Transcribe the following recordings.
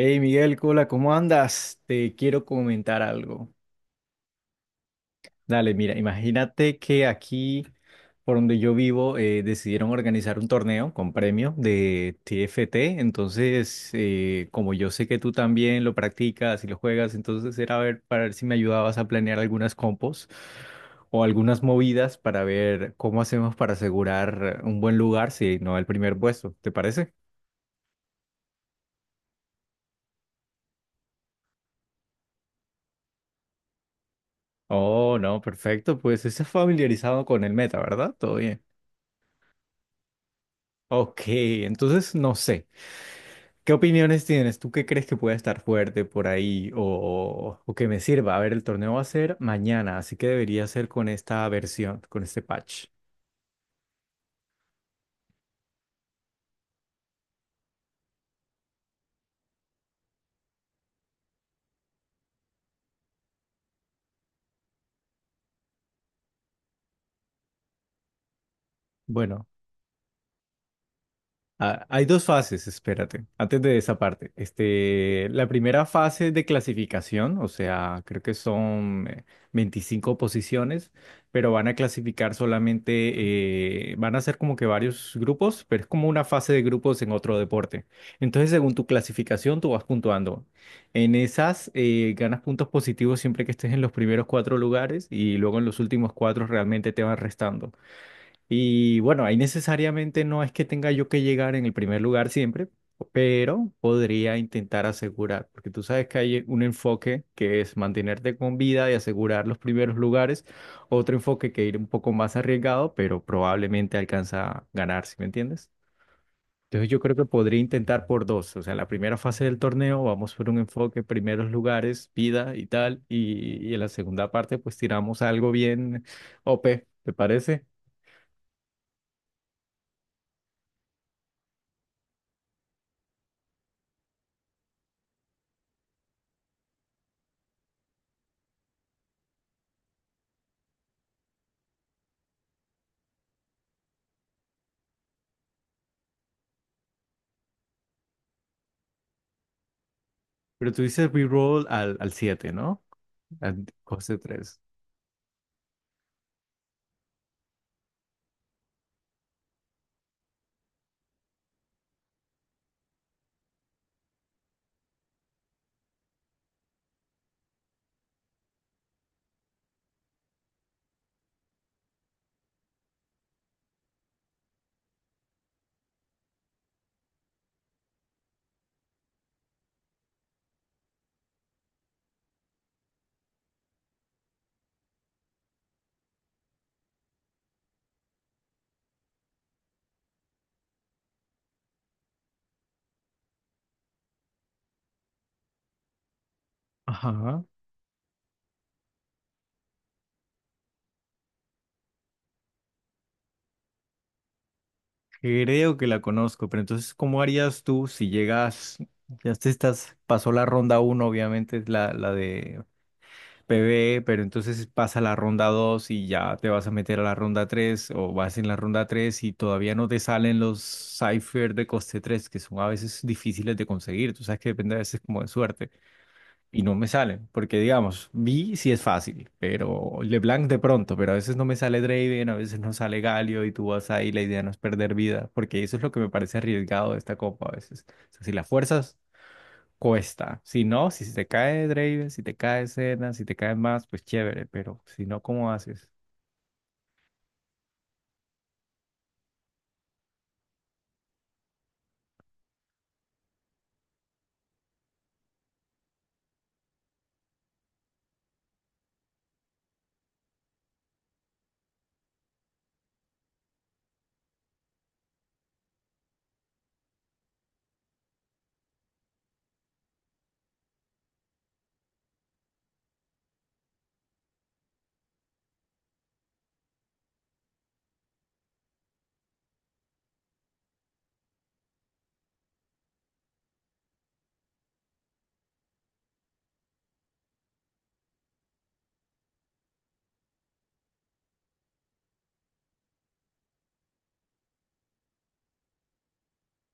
Hey Miguel, hola, ¿cómo andas? Te quiero comentar algo. Dale, mira, imagínate que aquí, por donde yo vivo, decidieron organizar un torneo con premio de TFT. Entonces, como yo sé que tú también lo practicas y lo juegas, entonces era ver para ver si me ayudabas a planear algunas compos o algunas movidas para ver cómo hacemos para asegurar un buen lugar, si no el primer puesto. ¿Te parece? Oh, no, perfecto. Pues estás familiarizado con el meta, ¿verdad? Todo bien. Ok, entonces no sé. ¿Qué opiniones tienes? ¿Tú qué crees que puede estar fuerte por ahí o que me sirva? A ver, el torneo va a ser mañana, así que debería ser con esta versión, con este patch. Bueno. Ah, hay dos fases, espérate, antes de esa parte. Este, la primera fase de clasificación, o sea, creo que son 25 posiciones, pero van a clasificar solamente, van a ser como que varios grupos, pero es como una fase de grupos en otro deporte. Entonces, según tu clasificación, tú vas puntuando. En esas, ganas puntos positivos siempre que estés en los primeros cuatro lugares y luego en los últimos cuatro realmente te van restando. Y bueno, ahí necesariamente no es que tenga yo que llegar en el primer lugar siempre, pero podría intentar asegurar, porque tú sabes que hay un enfoque que es mantenerte con vida y asegurar los primeros lugares, otro enfoque que ir un poco más arriesgado, pero probablemente alcanza a ganar, ¿sí me entiendes? Entonces yo creo que podría intentar por dos, o sea, en la primera fase del torneo vamos por un enfoque, primeros lugares, vida y tal, y en la segunda parte pues tiramos algo bien OP, ¿te parece? Pero tú dices reroll al 7, ¿no? Al coste 3. Ajá. Creo que la conozco, pero entonces, ¿cómo harías tú si llegas, ya te estás, pasó la ronda uno, obviamente, es la de PvE, pero entonces pasa la ronda 2 y ya te vas a meter a la ronda 3 o vas en la ronda 3 y todavía no te salen los cipher de coste 3 que son a veces difíciles de conseguir, tú sabes que depende a veces como de suerte. Y no me sale, porque digamos, Vi sí es fácil, pero LeBlanc de pronto, pero a veces no me sale Draven, a veces no sale Galio y tú vas ahí, la idea no es perder vida, porque eso es lo que me parece arriesgado de esta copa a veces. O sea, si las fuerzas cuesta, si no, si se te cae Draven, si te cae Senna, si te cae más, pues chévere, pero si no, ¿cómo haces?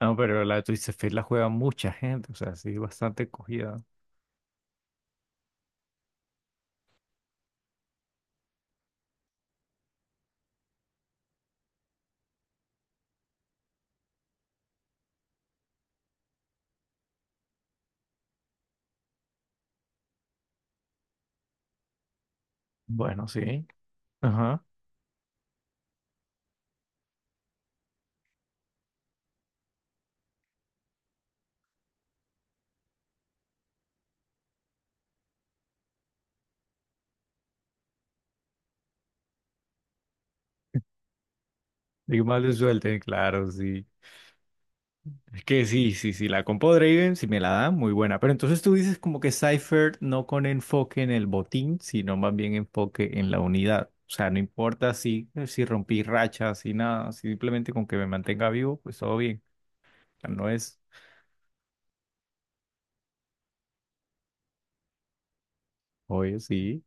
No, pero la de Twisted Fate la juega mucha gente, o sea, sí, bastante cogida. Bueno, sí. Ajá. Digo, mal de suerte, claro, sí. Es que sí, sí, sí, la compo Draven, si me la dan, muy buena. Pero entonces tú dices como que Cypher no con enfoque en el botín, sino más bien enfoque en la unidad. O sea, no importa si, si rompí rachas, si nada, simplemente con que me mantenga vivo, pues todo bien. O sea, no es, oye, sí.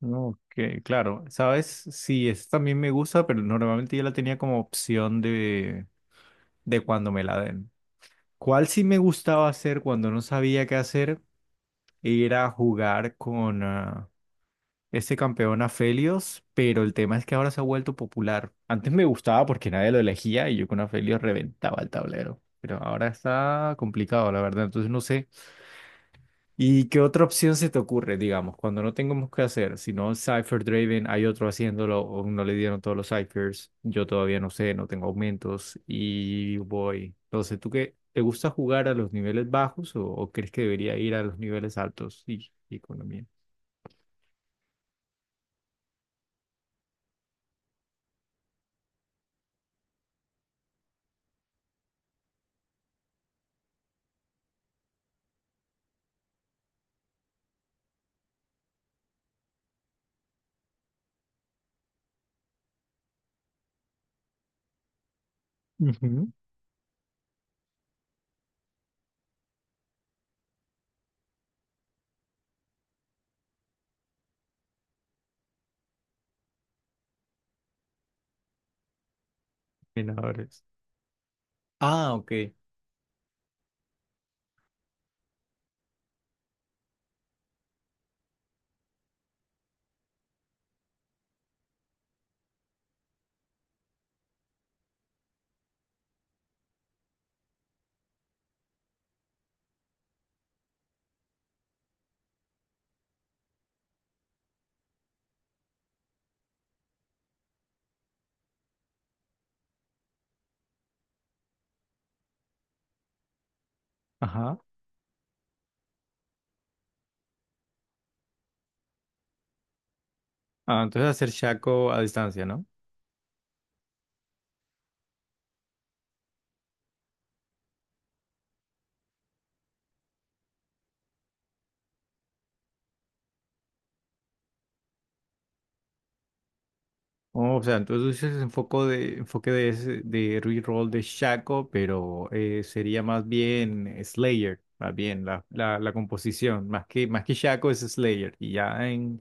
No, que claro, sabes, sí, eso también me gusta, pero normalmente yo la tenía como opción de cuando me la den. ¿Cuál sí me gustaba hacer cuando no sabía qué hacer? Era jugar con... este campeón a Felios, pero el tema es que ahora se ha vuelto popular. Antes me gustaba porque nadie lo elegía y yo con Felios reventaba el tablero. Pero ahora está complicado, la verdad. Entonces no sé. ¿Y qué otra opción se te ocurre, digamos, cuando no tengamos que hacer? Si no, Cypher Draven, hay otro haciéndolo, o no le dieron todos los Cyphers. Yo todavía no sé, no tengo aumentos y voy. Entonces, ¿tú qué? ¿Te gusta jugar a los niveles bajos o crees que debería ir a los niveles altos y economía? Ujú. Ah, ok. Ajá. Ah, entonces hacer Shaco a distancia, ¿no? Oh, o sea, entonces es enfoque de, ese- de reroll de Shaco, pero sería más bien Slayer, más bien la composición. Más que Shaco es Slayer. Y ya en...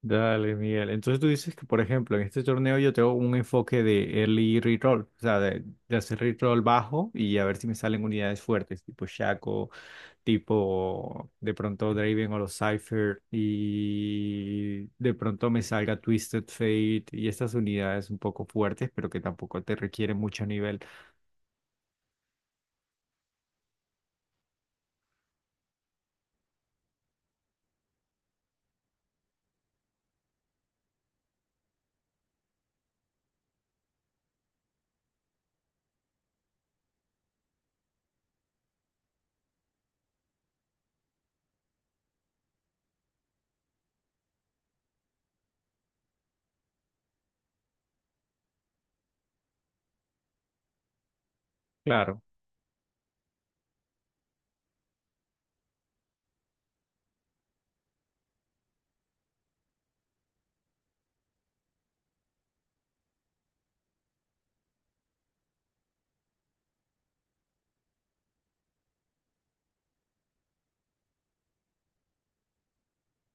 Dale, Miguel. Entonces tú dices que, por ejemplo, en este torneo yo tengo un enfoque de early reroll, o sea, de hacer reroll bajo y a ver si me salen unidades fuertes, tipo Shaco tipo de pronto Draven o los Cypher y de pronto me salga Twisted Fate y estas unidades un poco fuertes, pero que tampoco te requieren mucho nivel. Claro,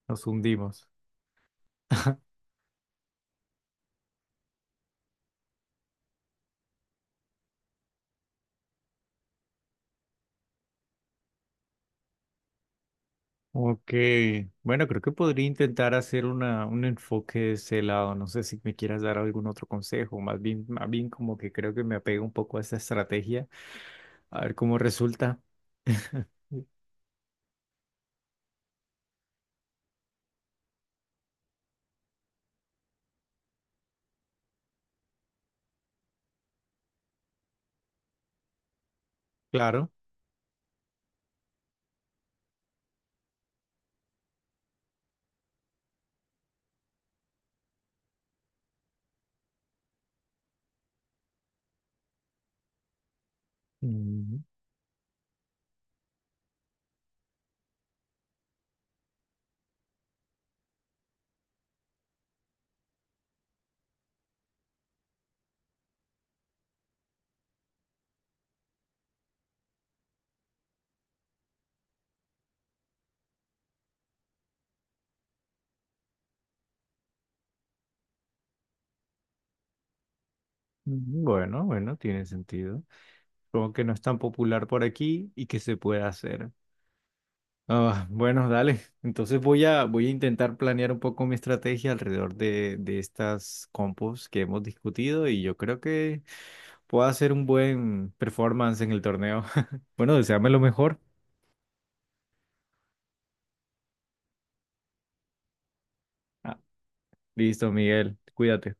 nos hundimos. Ok, bueno, creo que podría intentar hacer una, un enfoque de ese lado. No sé si me quieras dar algún otro consejo, más bien como que creo que me apego un poco a esta estrategia, a ver cómo resulta. Claro. Mm, bueno, bueno, tiene sentido. Como que no es tan popular por aquí y que se puede hacer. Ah, bueno, dale. Entonces voy a, voy a intentar planear un poco mi estrategia alrededor de estas compos que hemos discutido y yo creo que puedo hacer un buen performance en el torneo. Bueno, deséame lo mejor. Ah, listo, Miguel. Cuídate.